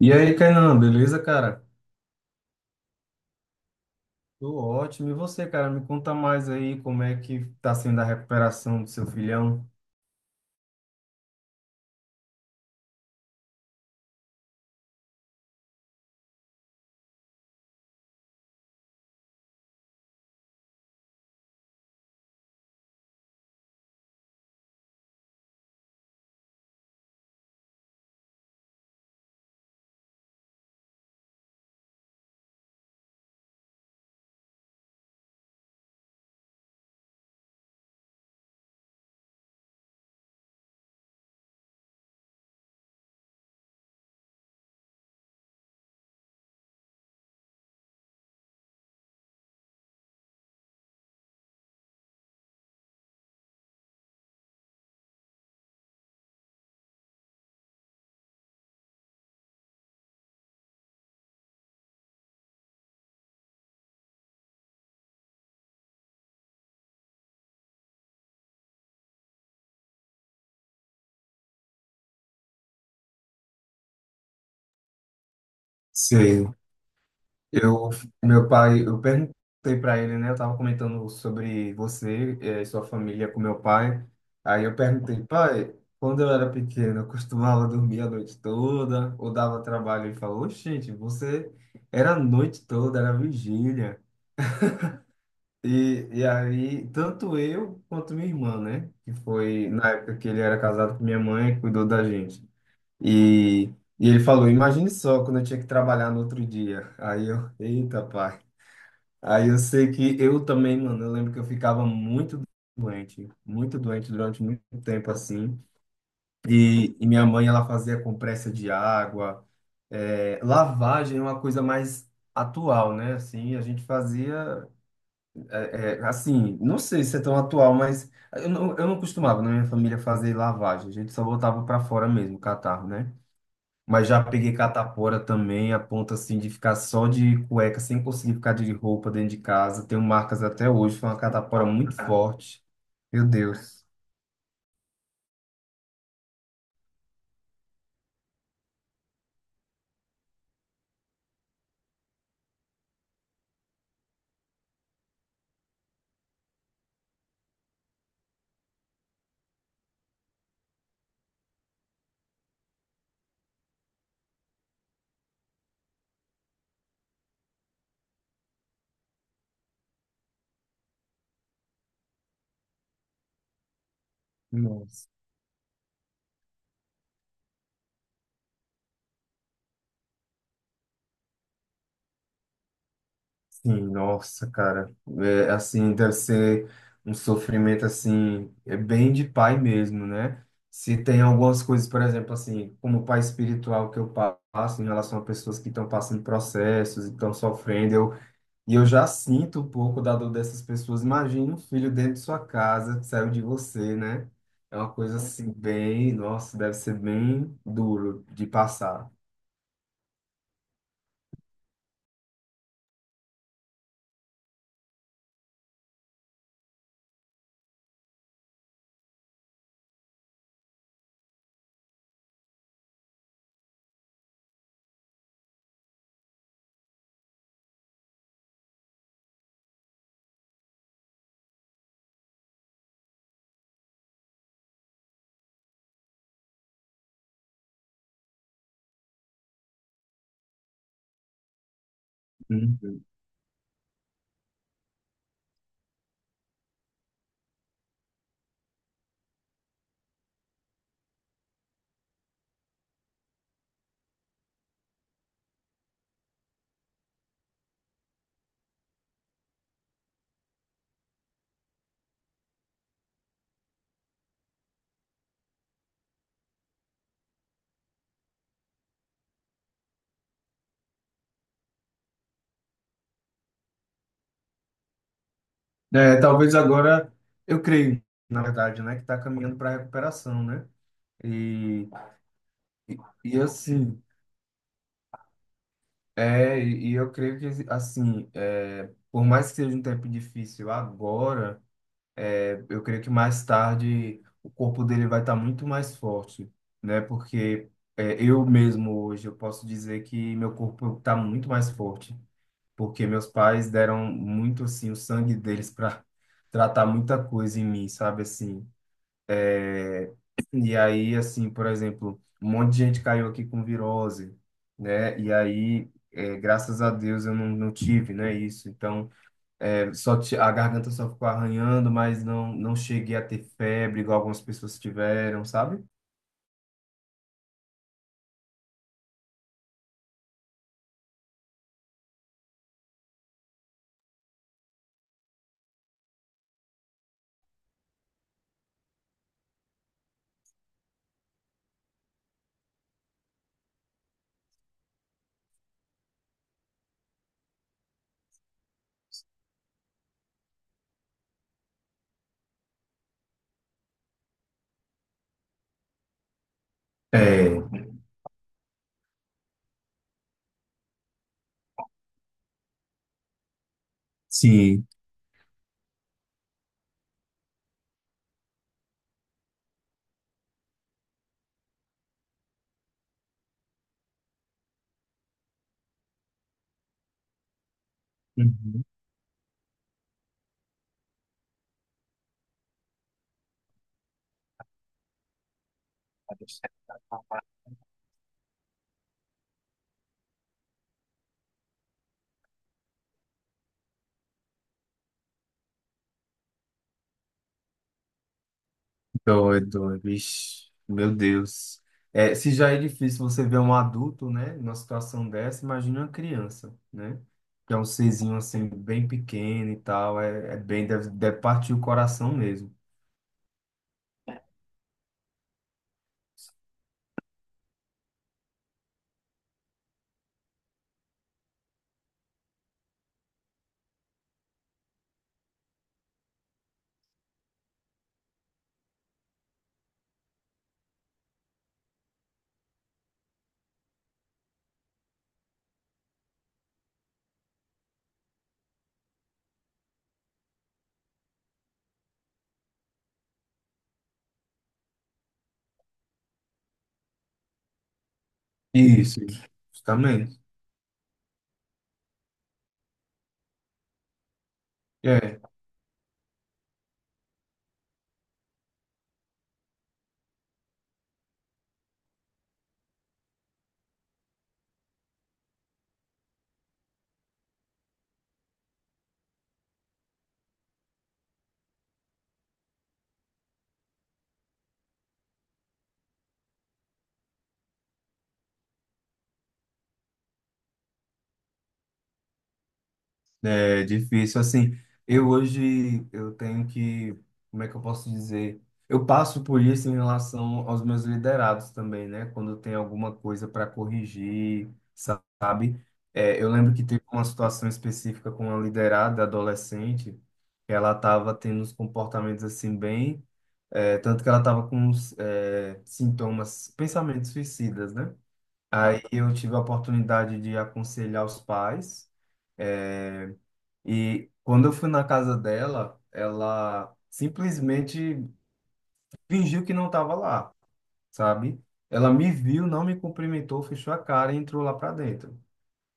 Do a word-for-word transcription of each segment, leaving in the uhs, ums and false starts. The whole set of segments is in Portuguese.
E aí, Kainan, beleza, cara? Tô ótimo. E você, cara, me conta mais aí como é que tá sendo a recuperação do seu filhão? Sei. Eu, meu pai, eu perguntei pra ele, né? Eu tava comentando sobre você eh, e sua família com meu pai. Aí eu perguntei, pai, quando eu era pequeno, eu costumava dormir a noite toda ou dava trabalho? Ele falou, gente, você era a noite toda, era vigília. E, e aí, tanto eu quanto minha irmã, né? Que foi na época que ele era casado com minha mãe, cuidou da gente. E, e ele falou: Imagine só quando eu tinha que trabalhar no outro dia. Aí eu, eita, pai. Aí eu sei que eu também, mano, eu lembro que eu ficava muito doente, muito doente durante muito tempo assim. E, e minha mãe, ela fazia compressa de água. É, lavagem é uma coisa mais atual, né? Assim, a gente fazia. É, é, assim, não sei se é tão atual, mas eu não, eu não costumava na minha família fazer lavagem, a gente só botava para fora mesmo, catarro, né? Mas já peguei catapora também, a ponto assim de ficar só de cueca, sem conseguir ficar de roupa dentro de casa. Tenho marcas até hoje, foi uma catapora muito forte. Meu Deus. Nossa. Sim, nossa, cara. É, assim, deve ser um sofrimento, assim, é bem de pai mesmo, né? Se tem algumas coisas, por exemplo, assim, como pai espiritual que eu passo em relação a pessoas que estão passando processos e estão sofrendo, eu, e eu já sinto um pouco da dor dessas pessoas. Imagina um filho dentro de sua casa que saiu de você, né? É uma coisa assim, bem, nossa, deve ser bem duro de passar. Uhum. É, talvez agora, eu creio, na verdade, né, que está caminhando para a recuperação, né? E, e, e assim, é, e e eu creio que, assim, é, por mais que seja um tempo difícil agora, é, eu creio que mais tarde o corpo dele vai estar muito mais forte, né? Porque é, eu mesmo hoje, eu posso dizer que meu corpo está muito mais forte, porque meus pais deram muito, assim, o sangue deles para tratar muita coisa em mim, sabe, assim. E aí, assim, por exemplo, um monte de gente caiu aqui com virose, né? E aí, é, graças a Deus eu não, não tive, né, isso. Então, é, só ti- a garganta só ficou arranhando, mas não, não cheguei a ter febre, igual algumas pessoas tiveram, sabe? É, sim. Uhum. Doido, vixe, meu Deus. É, se já é difícil você ver um adulto, né, numa situação dessa, imagina uma criança, né? Que é um serzinho assim, bem pequeno e tal, é, é bem, deve, deve partir o coração mesmo. Isso. Justamente. É. É difícil, assim, eu hoje, eu tenho que, como é que eu posso dizer? Eu passo por isso em relação aos meus liderados também, né? Quando tem alguma coisa para corrigir, sabe? É, eu lembro que teve uma situação específica com uma liderada adolescente, que ela estava tendo uns comportamentos assim bem, é, tanto que ela estava com uns é, sintomas, pensamentos suicidas, né? Aí eu tive a oportunidade de aconselhar os pais, é, e quando eu fui na casa dela, ela simplesmente fingiu que não estava lá, sabe? Ela me viu, não me cumprimentou, fechou a cara e entrou lá para dentro,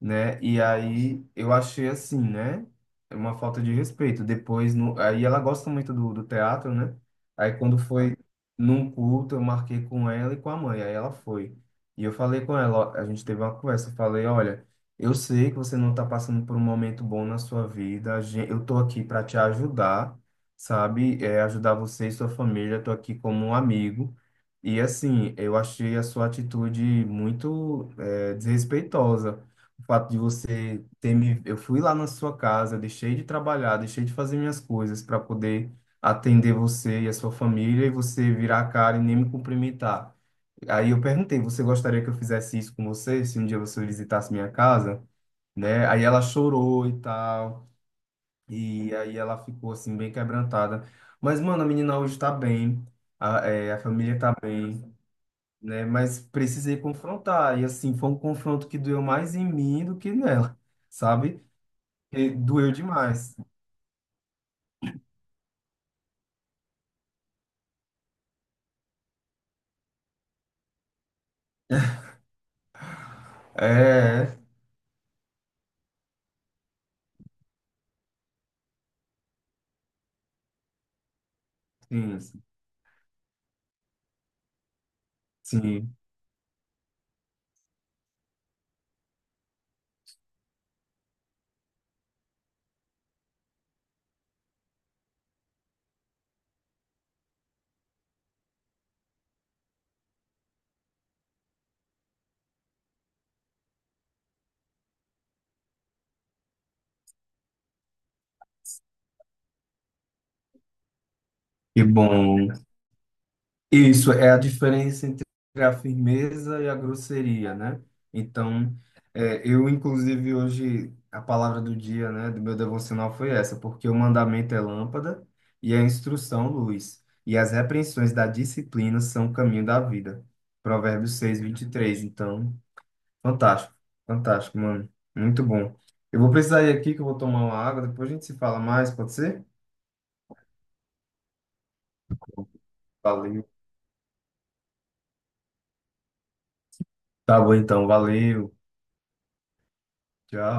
né? E aí eu achei assim, né? É uma falta de respeito. Depois, no... aí ela gosta muito do, do teatro, né? Aí quando foi num culto, eu marquei com ela e com a mãe, aí ela foi. E eu falei com ela, ó, a gente teve uma conversa, eu falei, olha, eu sei que você não tá passando por um momento bom na sua vida, a gen- eu tô aqui para te ajudar, sabe? É, ajudar você e sua família, eu tô aqui como um amigo. E assim, eu achei a sua atitude muito, eh, desrespeitosa. O fato de você ter me. Eu fui lá na sua casa, eu deixei de trabalhar, deixei de fazer minhas coisas para poder atender você e a sua família e você virar a cara e nem me cumprimentar. Aí eu perguntei: você gostaria que eu fizesse isso com você, se um dia você visitasse minha casa? Né? Aí ela chorou e tal, e aí ela ficou assim, bem quebrantada. Mas, mano, a menina hoje tá bem, a, é, a família tá bem, né? Mas precisei confrontar, e assim, foi um confronto que doeu mais em mim do que nela, sabe? E doeu demais. É, sim, sim. Que bom. Isso é a diferença entre a firmeza e a grosseria, né? Então, é, eu, inclusive, hoje, a palavra do dia, né, do meu devocional foi essa, porque o mandamento é lâmpada e a instrução luz, e as repreensões da disciplina são o caminho da vida. Provérbios seis vinte e três. Então, fantástico, fantástico, mano. Muito bom. Eu vou precisar ir aqui que eu vou tomar uma água, depois a gente se fala mais, pode ser? Valeu. Tá bom então, valeu. Tchau.